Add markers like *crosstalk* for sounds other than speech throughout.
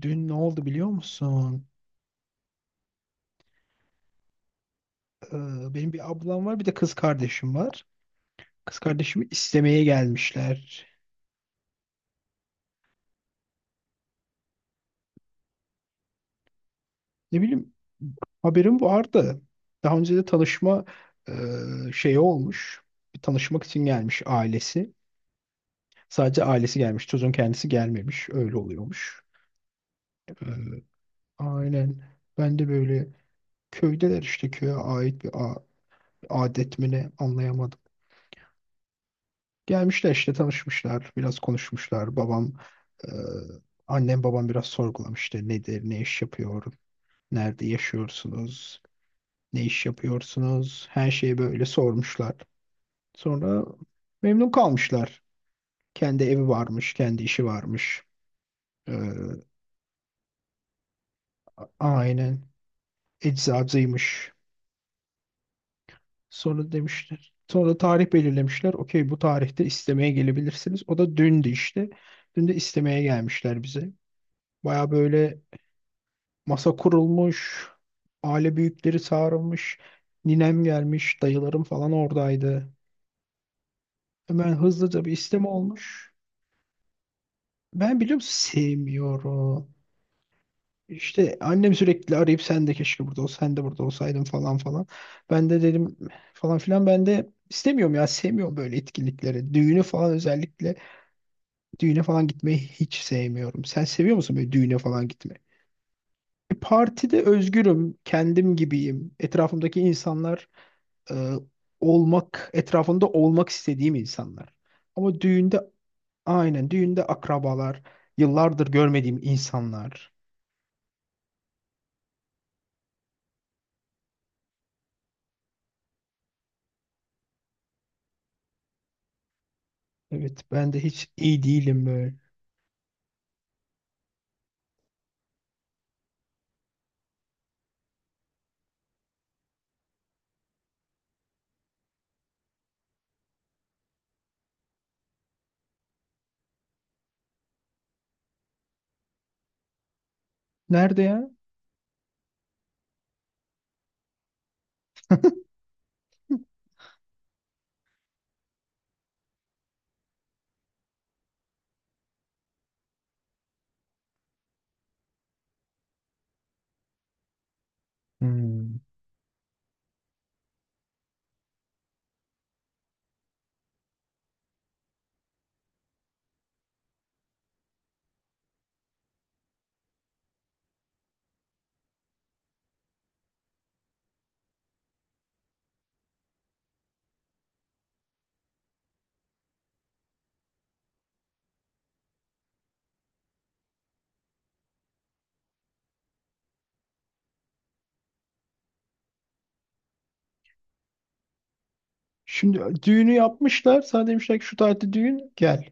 Dün ne oldu biliyor musun? Benim bir ablam var, bir de kız kardeşim var. Kız kardeşimi istemeye gelmişler. Ne bileyim, haberim vardı. Daha önce de tanışma e, şeyi olmuş. Bir tanışmak için gelmiş ailesi. Sadece ailesi gelmiş, çocuğun kendisi gelmemiş. Öyle oluyormuş. Ee, aynen. Ben de böyle köydeler işte köye ait bir adet mi ne anlayamadım. Gelmişler işte tanışmışlar, biraz konuşmuşlar. E, Annem babam biraz sorgulamış işte nedir, ne iş yapıyor, nerede yaşıyorsunuz, ne iş yapıyorsunuz, her şeyi böyle sormuşlar. Sonra memnun kalmışlar. Kendi evi varmış, kendi işi varmış. E, aynen eczacıymış. Sonra demişler. Sonra tarih belirlemişler. Okey, bu tarihte istemeye gelebilirsiniz. O da dündü işte. Dün de istemeye gelmişler bize. Baya böyle Masa kurulmuş, aile büyükleri çağrılmış, ninem gelmiş, dayılarım falan oradaydı. Hemen hızlıca bir isteme olmuş. Ben biliyor musun sevmiyorum. İşte annem sürekli arayıp sen de keşke burada ol, sen de burada olsaydın falan falan. Ben de dedim falan filan, ben de istemiyorum ya, sevmiyorum böyle etkinlikleri. Düğünü falan özellikle düğüne falan gitmeyi hiç sevmiyorum. Sen seviyor musun böyle düğüne falan gitmeyi? Partide özgürüm, kendim gibiyim. Etrafımdaki insanlar e, olmak etrafında olmak istediğim insanlar. Ama düğünde, aynen, düğünde akrabalar, yıllardır görmediğim insanlar. Evet, ben de hiç iyi değilim böyle. Nerede ya? Hmm. Şimdi düğünü yapmışlar. Sana demişler ki şu tarihte düğün, gel.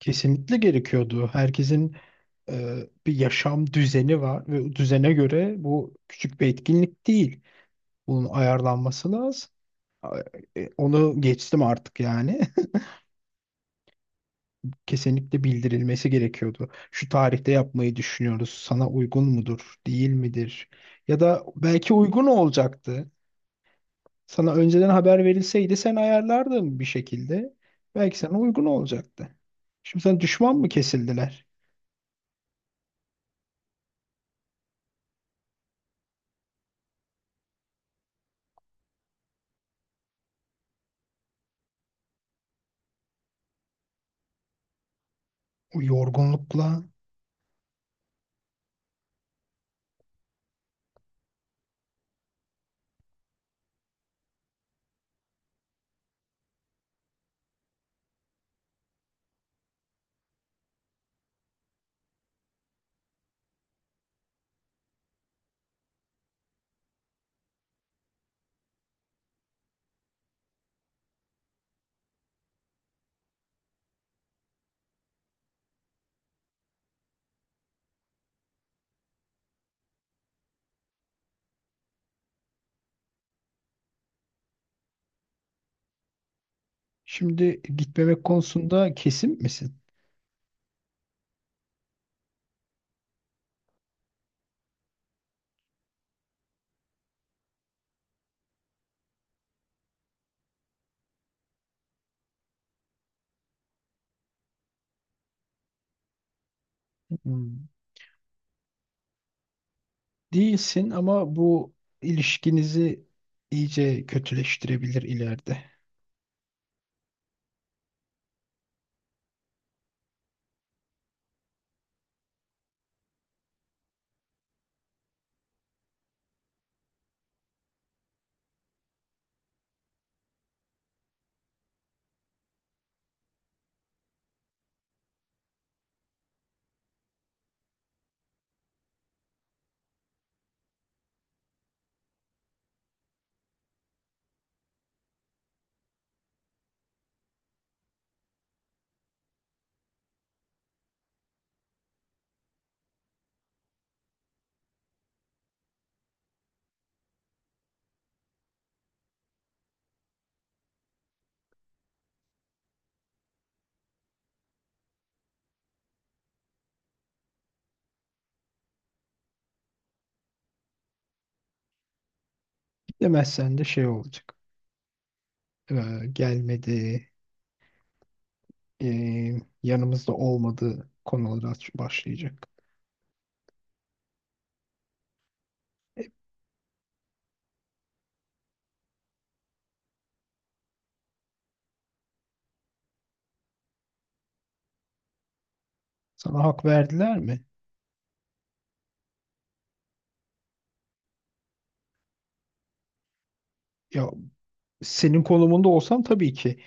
Kesinlikle gerekiyordu. Herkesin e, bir yaşam düzeni var ve o düzene göre bu küçük bir etkinlik değil. Bunun ayarlanması lazım. A- Onu geçtim artık yani. *laughs* Kesinlikle bildirilmesi gerekiyordu. Şu tarihte yapmayı düşünüyoruz. Sana uygun mudur, değil midir? Ya da belki uygun olacaktı. Sana önceden haber verilseydi sen ayarlardın bir şekilde. Belki sana uygun olacaktı. Şimdi sen düşman mı kesildiler? Bu yorgunlukla şimdi gitmemek konusunda kesin misin? Hmm. Değilsin, ama bu ilişkinizi iyice kötüleştirebilir ileride. Demezsen de şey olacak. Ee, Gelmedi, ee, yanımızda olmadı konulara başlayacak. E, Sana hak verdiler mi? Ya, senin konumunda olsam tabii ki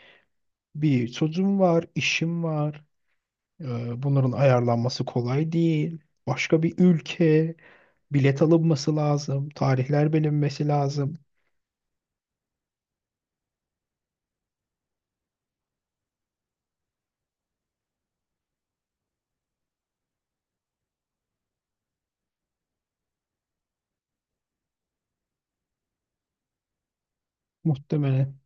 bir çocuğum var, işim var. Bunların ayarlanması kolay değil. Başka bir ülke, bilet alınması lazım, tarihler bilinmesi lazım. Muhtemelen.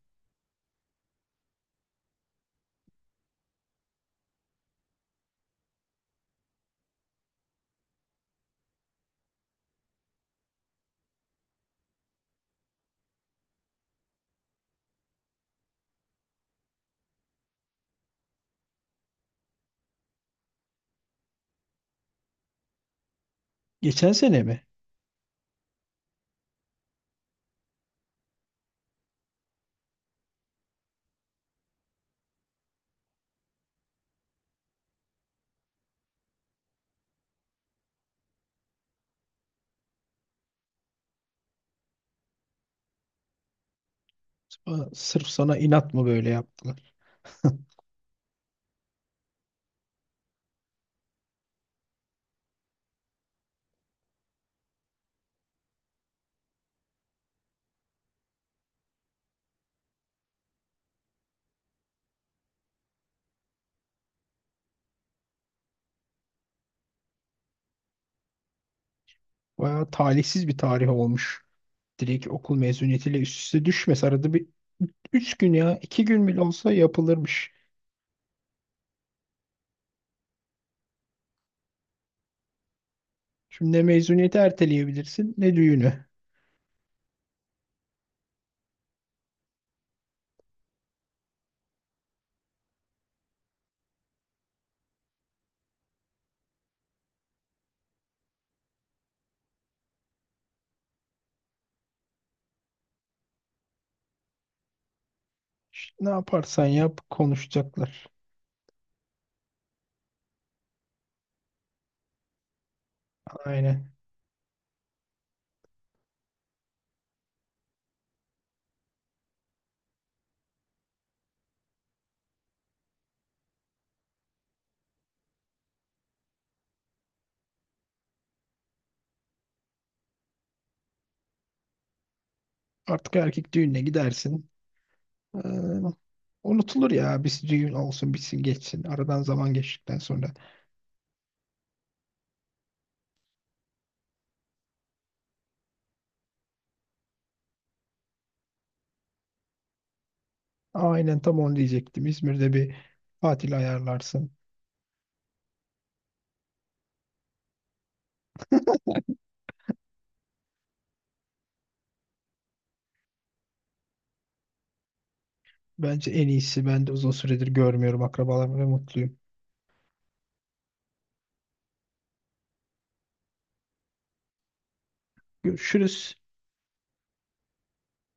Geçen sene mi? Aa, sırf sana inat mı böyle yaptılar? *laughs* Bayağı talihsiz bir tarih olmuş. Direkt okul mezuniyetiyle üst üste düşmez. Arada bir 3 gün ya 2 gün bile olsa yapılırmış. Şimdi ne mezuniyeti erteleyebilirsin ne düğünü. İşte ne yaparsan yap konuşacaklar. Aynen. Artık erkek düğününe gidersin. Ee, Unutulur ya. Biz düğün olsun, bitsin, geçsin. Aradan zaman geçtikten sonra. Aynen, tam onu diyecektim. İzmir'de bir tatil ayarlarsın. Bence en iyisi. Ben de uzun süredir görmüyorum akrabalarımı ve mutluyum. Görüşürüz.